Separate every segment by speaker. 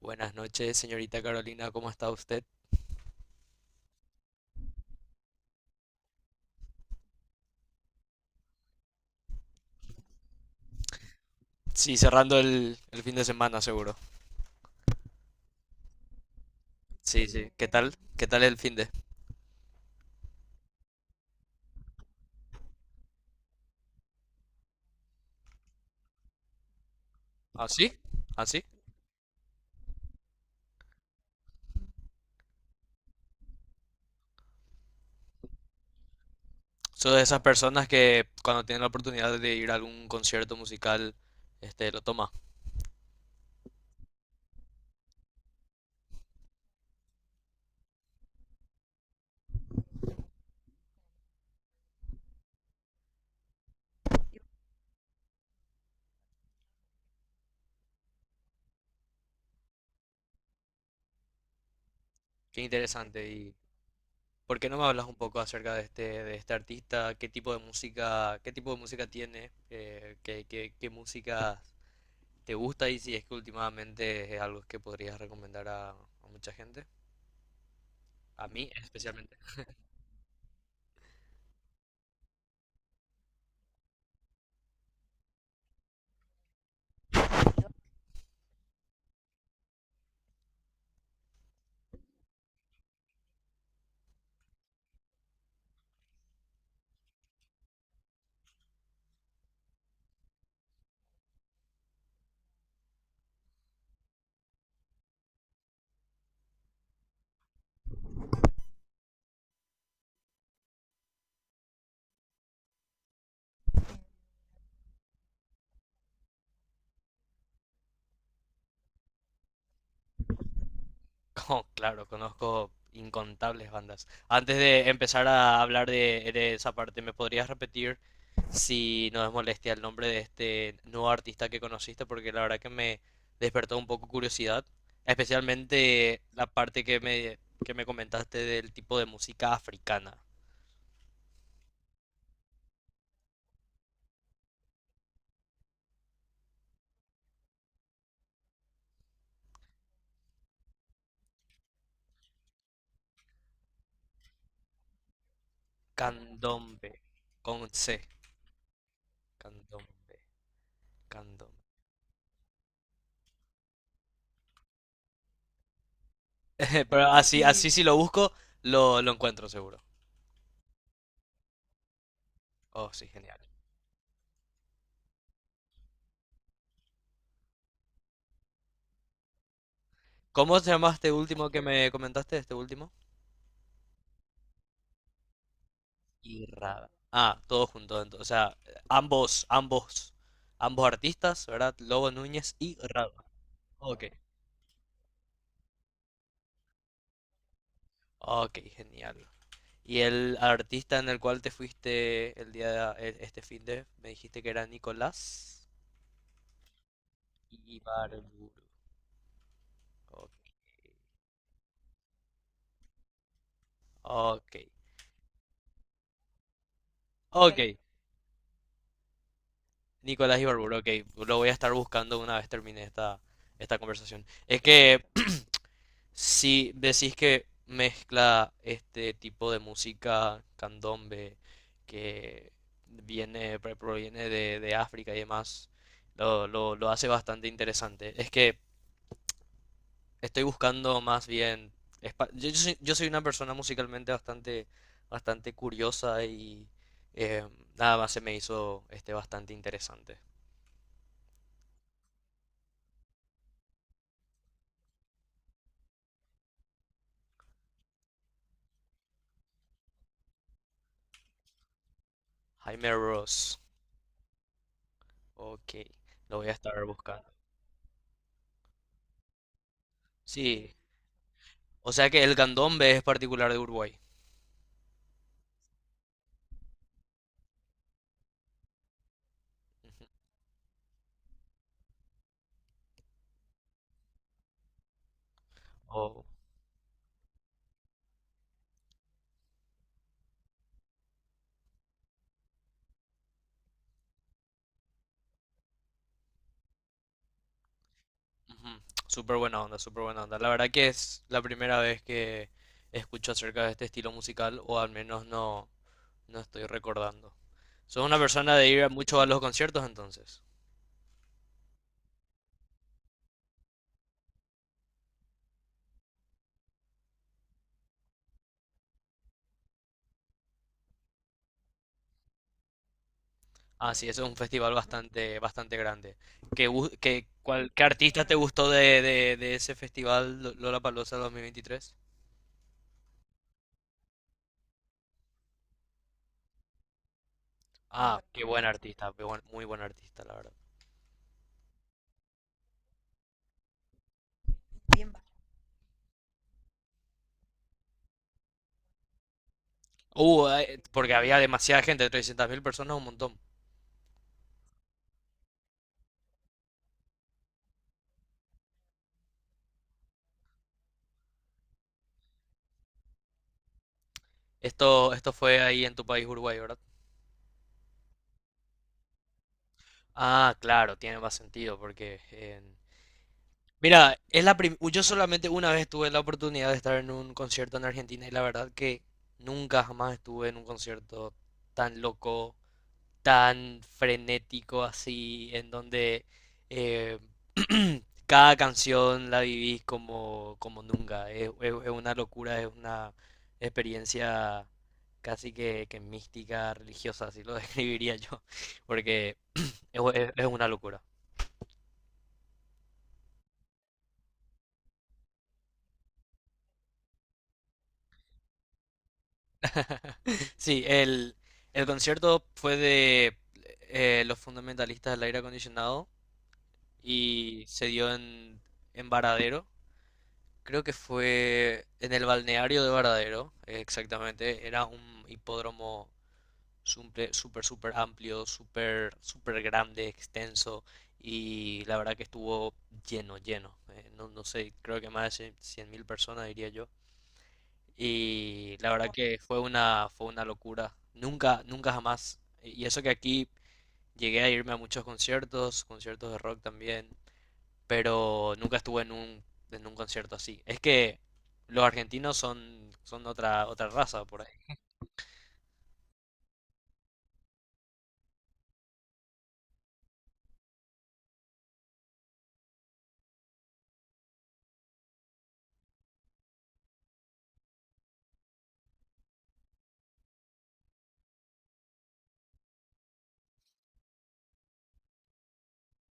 Speaker 1: Buenas noches, señorita Carolina, ¿cómo está usted? Sí, cerrando el fin de semana, seguro. Sí, sí. ¿Qué tal? ¿Qué tal el fin de? ¿Ah, sí? ¿Ah, sí? Soy de esas personas que cuando tienen la oportunidad de ir a algún concierto musical, lo toma. Qué interesante. ¿Y por qué no me hablas un poco acerca de este artista? ¿Qué tipo de música, qué tipo de música tiene? ¿Qué música te gusta? Y si es que últimamente es algo que podrías recomendar a mucha gente. A mí especialmente. Oh, claro, conozco incontables bandas. Antes de empezar a hablar de esa parte, ¿me podrías repetir si no es molestia el nombre de este nuevo artista que conociste? Porque la verdad que me despertó un poco curiosidad, especialmente la parte que me comentaste del tipo de música africana. Candombe, con C. Candombe, candombe. Pero así, así. Sí, si lo busco, lo encuentro seguro. Oh, sí, genial. ¿Cómo se llama este último que me comentaste? Este último. Y Rada. Ah, todo junto, entonces, o sea, ambos, ambos, ambos artistas, ¿verdad? Lobo Núñez y Rado. Ok. Ok, genial. Y el artista en el cual te fuiste el día de, este fin de, me dijiste que era Nicolás Ibarburu. Ok. Ok. Ok. Nicolás Ibarburu, ok. Lo voy a estar buscando una vez termine esta conversación. Es que si decís que mezcla este tipo de música candombe que viene, proviene de África y demás, lo hace bastante interesante. Es que estoy buscando más bien... Yo soy, yo soy una persona musicalmente bastante, bastante curiosa y eh, nada más se me hizo bastante interesante. Jaime Ross. Ok, lo voy a estar buscando. Sí, o sea que el candombe es particular de Uruguay. Oh, ujú. Súper buena onda, súper buena onda. La verdad que es la primera vez que escucho acerca de este estilo musical, o al menos no, no estoy recordando. ¿Sos una persona de ir mucho a los conciertos entonces? Ah, sí, eso es un festival bastante, bastante grande. ¿Qué, gu- qué, cuál- qué artista te gustó de ese festival Lollapalooza 2023? Ah, qué buen artista, muy buen artista, la verdad. Porque había demasiada gente, 300.000 personas, un montón. Esto fue ahí en tu país, Uruguay, ¿verdad? Ah, claro, tiene más sentido porque... Mira, es la yo solamente una vez tuve la oportunidad de estar en un concierto en Argentina y la verdad que nunca jamás estuve en un concierto tan loco, tan frenético así, en donde eh, cada canción la vivís como nunca. Es una locura, es una experiencia casi que mística, religiosa, así lo describiría yo, porque es una locura. Sí, el concierto fue de Los Fundamentalistas del Aire Acondicionado y se dio en Varadero. Creo que fue en el balneario de Varadero, exactamente. Era un hipódromo súper, súper, súper amplio, súper, súper grande, extenso. Y la verdad que estuvo lleno, lleno. No, no sé, creo que más de 100.000 personas, diría yo. Y la verdad que fue una locura. Nunca, nunca jamás. Y eso que aquí llegué a irme a muchos conciertos, conciertos de rock también, pero nunca estuve en un concierto así. Es que los argentinos son otra raza por ahí.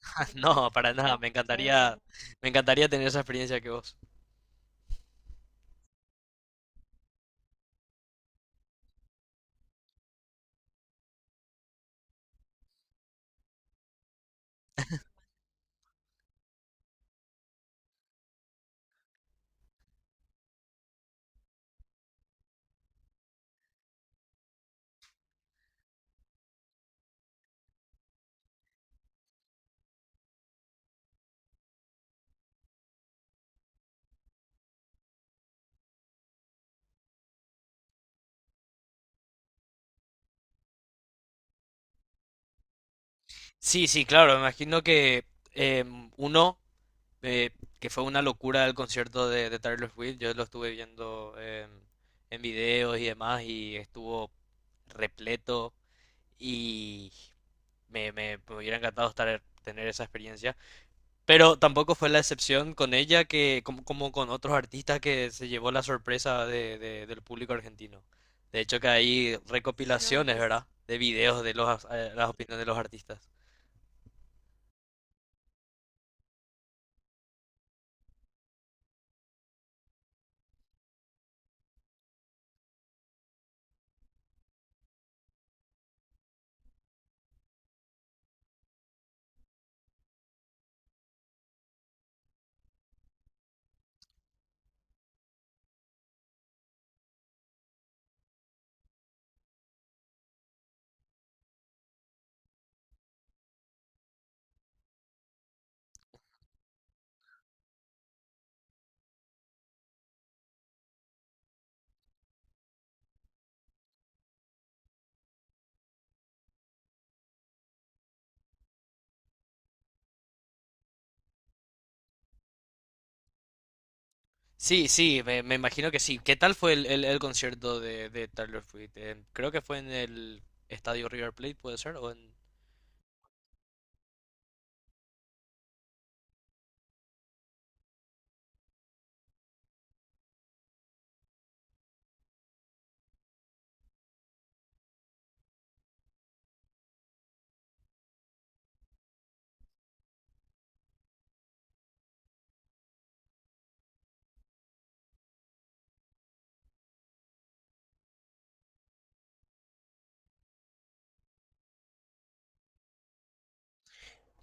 Speaker 1: No, para nada. Me encantaría tener esa experiencia que vos. Sí, sí, claro. Me imagino que uno eh, que fue una locura el concierto de Taylor Swift. Yo lo estuve viendo en videos y demás y estuvo repleto y me hubiera encantado estar, tener esa experiencia. Pero tampoco fue la excepción con ella que como con otros artistas que se llevó la sorpresa del público argentino. De hecho que hay, no, recopilaciones, ¿verdad? De videos de las opiniones de los artistas. Sí, sí, me imagino que sí. ¿Qué tal fue el concierto de Taylor Swift? Creo que fue en el estadio River Plate, puede ser, o en...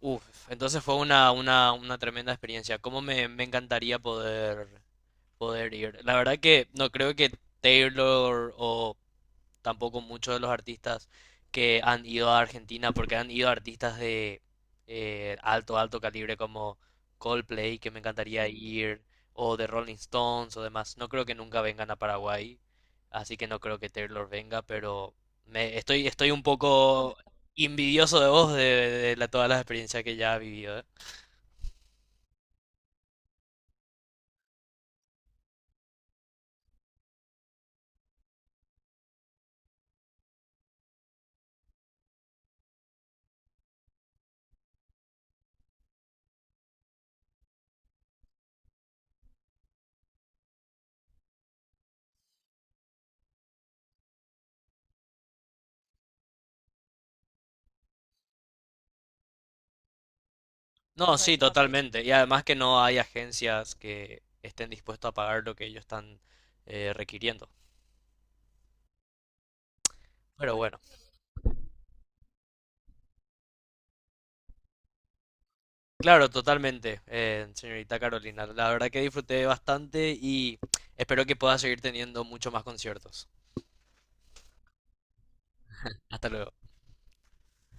Speaker 1: Uf, entonces fue una tremenda experiencia. Cómo me encantaría poder ir. La verdad que no creo que Taylor o tampoco muchos de los artistas que han ido a Argentina, porque han ido artistas de alto, alto calibre como Coldplay, que me encantaría ir, o de Rolling Stones o demás. No creo que nunca vengan a Paraguay, así que no creo que Taylor venga, pero estoy un poco envidioso de vos todas las experiencias que ya has vivido, ¿eh? No, sí, totalmente. Y además que no hay agencias que estén dispuestas a pagar lo que ellos están requiriendo. Pero bueno. Claro, totalmente, señorita Carolina. La verdad que disfruté bastante y espero que pueda seguir teniendo muchos más conciertos. Hasta luego.